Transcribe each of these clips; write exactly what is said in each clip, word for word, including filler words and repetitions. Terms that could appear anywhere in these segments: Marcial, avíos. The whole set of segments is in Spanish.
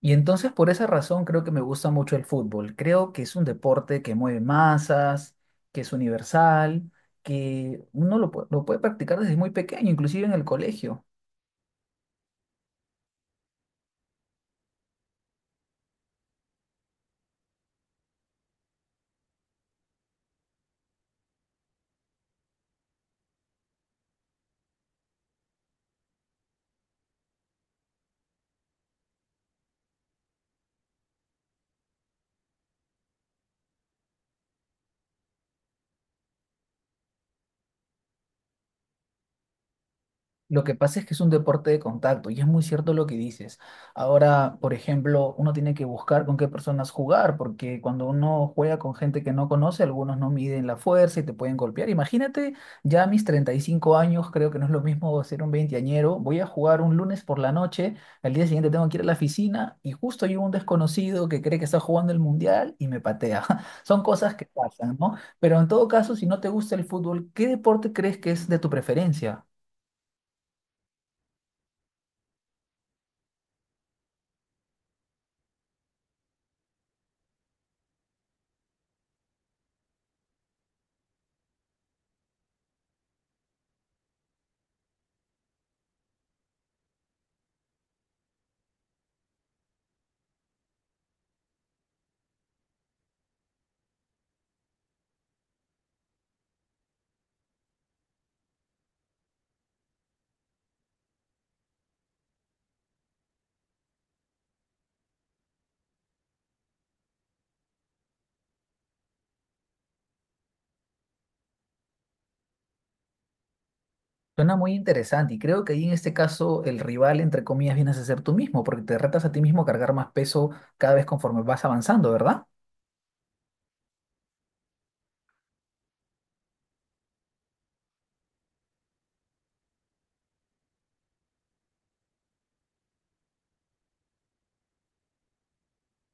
Y entonces por esa razón creo que me gusta mucho el fútbol. Creo que es un deporte que mueve masas, que es universal, que uno lo, pue- lo puede practicar desde muy pequeño, inclusive en el colegio. Lo que pasa es que es un deporte de contacto y es muy cierto lo que dices. Ahora, por ejemplo, uno tiene que buscar con qué personas jugar, porque cuando uno juega con gente que no conoce, algunos no miden la fuerza y te pueden golpear. Imagínate, ya a mis treinta y cinco años, creo que no es lo mismo ser un veinteañero. Voy a jugar un lunes por la noche, al día siguiente tengo que ir a la oficina y justo hay un desconocido que cree que está jugando el mundial y me patea. Son cosas que pasan, ¿no? Pero en todo caso, si no te gusta el fútbol, ¿qué deporte crees que es de tu preferencia? Suena muy interesante y creo que ahí en este caso el rival, entre comillas, vienes a ser tú mismo, porque te retas a ti mismo a cargar más peso cada vez conforme vas avanzando, ¿verdad?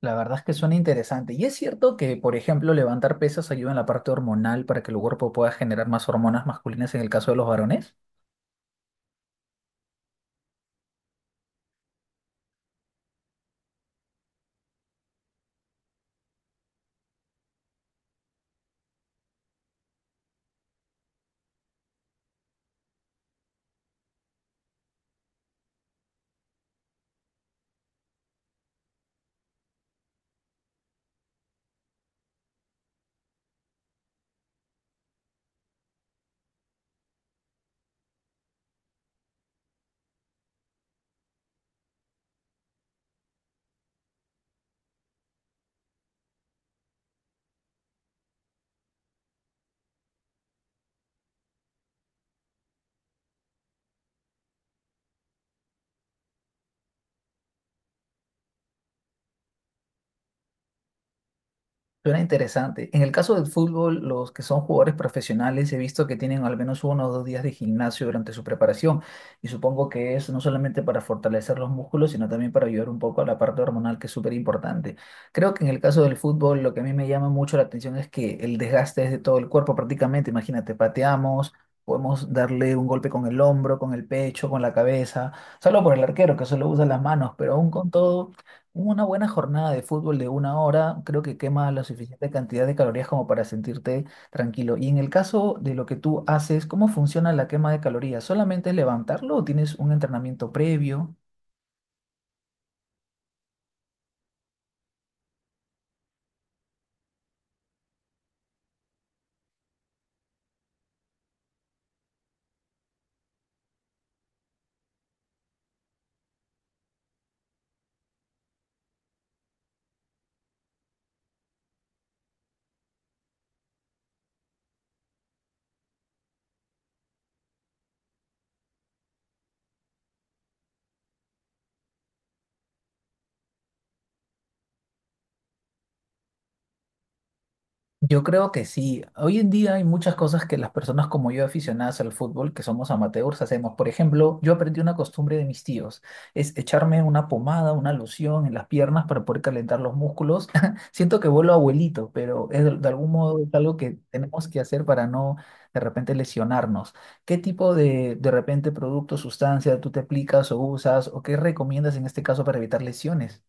La verdad es que suena interesante. Y es cierto que, por ejemplo, levantar pesas ayuda en la parte hormonal para que el cuerpo pueda generar más hormonas masculinas en el caso de los varones. Suena interesante. En el caso del fútbol, los que son jugadores profesionales, he visto que tienen al menos uno o dos días de gimnasio durante su preparación y supongo que es no solamente para fortalecer los músculos, sino también para ayudar un poco a la parte hormonal, que es súper importante. Creo que en el caso del fútbol, lo que a mí me llama mucho la atención es que el desgaste es de todo el cuerpo prácticamente. Imagínate, pateamos. Podemos darle un golpe con el hombro, con el pecho, con la cabeza, solo por el arquero que solo usa las manos, pero aún con todo una buena jornada de fútbol de una hora creo que quema la suficiente cantidad de calorías como para sentirte tranquilo. Y en el caso de lo que tú haces, ¿cómo funciona la quema de calorías? ¿Solamente es levantarlo o tienes un entrenamiento previo? Yo creo que sí. Hoy en día hay muchas cosas que las personas como yo, aficionadas al fútbol, que somos amateurs, hacemos. Por ejemplo, yo aprendí una costumbre de mis tíos, es echarme una pomada, una loción en las piernas para poder calentar los músculos. Siento que vuelvo abuelito, pero es de, de algún modo es algo que tenemos que hacer para no de repente lesionarnos. ¿Qué tipo de de repente producto, sustancia tú te aplicas o usas o qué recomiendas en este caso para evitar lesiones?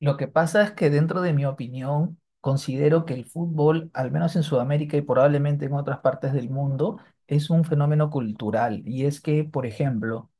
Lo que pasa es que dentro de mi opinión, considero que el fútbol, al menos en Sudamérica y probablemente en otras partes del mundo, es un fenómeno cultural. Y es que, por ejemplo,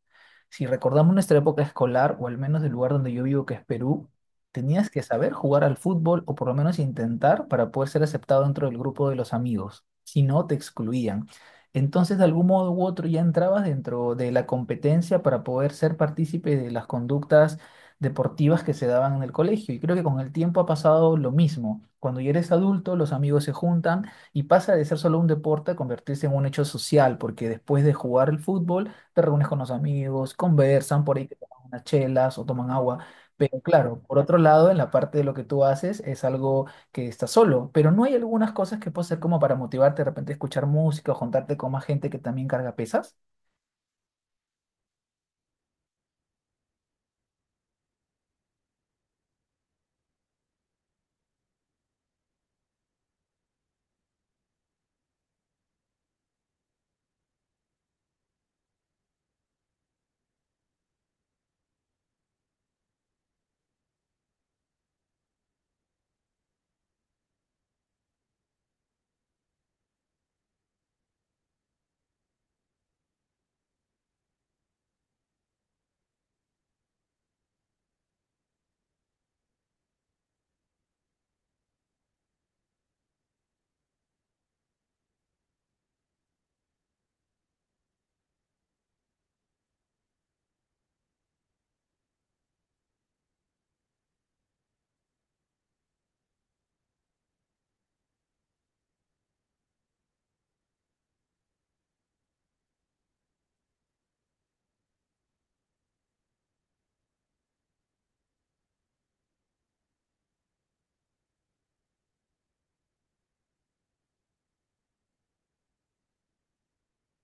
si recordamos nuestra época escolar, o al menos del lugar donde yo vivo, que es Perú, tenías que saber jugar al fútbol o por lo menos intentar para poder ser aceptado dentro del grupo de los amigos. Si no, te excluían. Entonces, de algún modo u otro, ya entrabas dentro de la competencia para poder ser partícipe de las conductas deportivas que se daban en el colegio. Y creo que con el tiempo ha pasado lo mismo. Cuando ya eres adulto, los amigos se juntan y pasa de ser solo un deporte a convertirse en un hecho social, porque después de jugar el fútbol, te reúnes con los amigos, conversan por ahí, que toman unas chelas o toman agua. Pero claro, por otro lado, en la parte de lo que tú haces es algo que estás solo, pero no hay algunas cosas que puedas hacer como para motivarte, de repente escuchar música o juntarte con más gente que también carga pesas.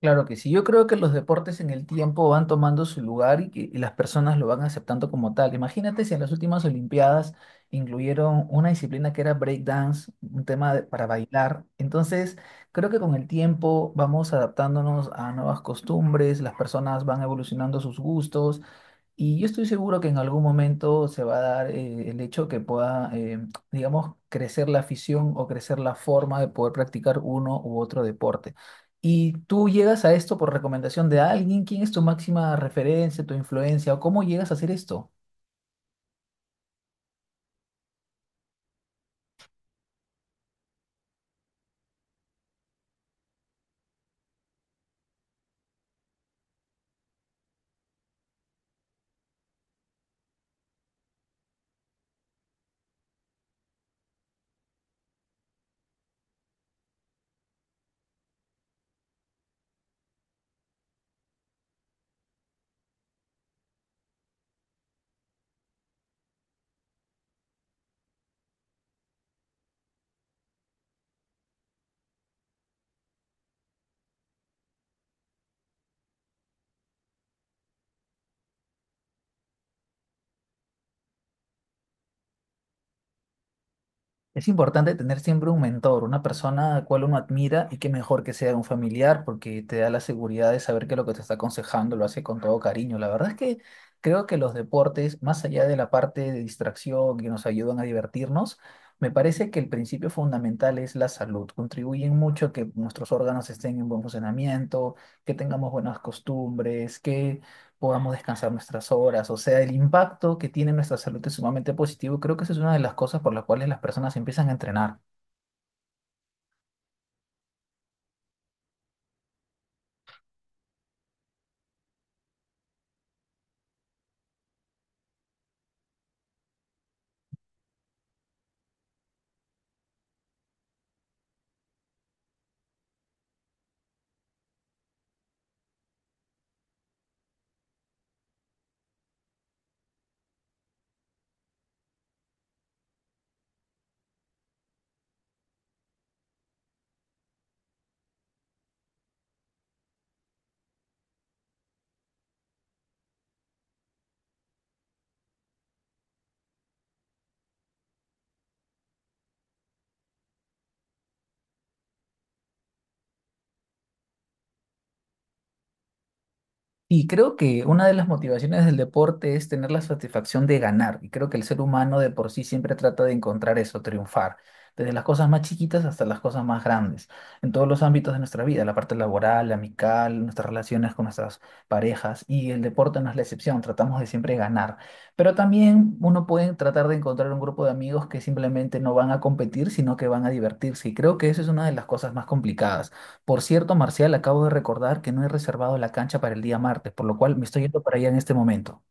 Claro que sí, yo creo que los deportes en el tiempo van tomando su lugar y que y las personas lo van aceptando como tal. Imagínate si en las últimas Olimpiadas incluyeron una disciplina que era breakdance, un tema de- para bailar. Entonces, creo que con el tiempo vamos adaptándonos a nuevas costumbres, las personas van evolucionando sus gustos y yo estoy seguro que en algún momento se va a dar eh, el hecho que pueda, eh, digamos, crecer la afición o crecer la forma de poder practicar uno u otro deporte. ¿Y tú llegas a esto por recomendación de alguien? ¿Quién es tu máxima referencia, tu influencia o cómo llegas a hacer esto? Es importante tener siempre un mentor, una persona a la cual uno admira y que mejor que sea un familiar porque te da la seguridad de saber que lo que te está aconsejando lo hace con todo cariño. La verdad es que creo que los deportes, más allá de la parte de distracción que nos ayudan a divertirnos, me parece que el principio fundamental es la salud. Contribuyen mucho a que nuestros órganos estén en buen funcionamiento, que tengamos buenas costumbres, que podamos descansar nuestras horas. O sea, el impacto que tiene en nuestra salud es sumamente positivo. Creo que esa es una de las cosas por las cuales las personas empiezan a entrenar. Y creo que una de las motivaciones del deporte es tener la satisfacción de ganar. Y creo que el ser humano de por sí siempre trata de encontrar eso, triunfar. Desde las cosas más chiquitas hasta las cosas más grandes. En todos los ámbitos de nuestra vida, la parte laboral, la amical, nuestras relaciones con nuestras parejas. Y el deporte no es la excepción, tratamos de siempre ganar. Pero también uno puede tratar de encontrar un grupo de amigos que simplemente no van a competir, sino que van a divertirse. Y creo que eso es una de las cosas más complicadas. Por cierto, Marcial, acabo de recordar que no he reservado la cancha para el día martes, por lo cual me estoy yendo para allá en este momento.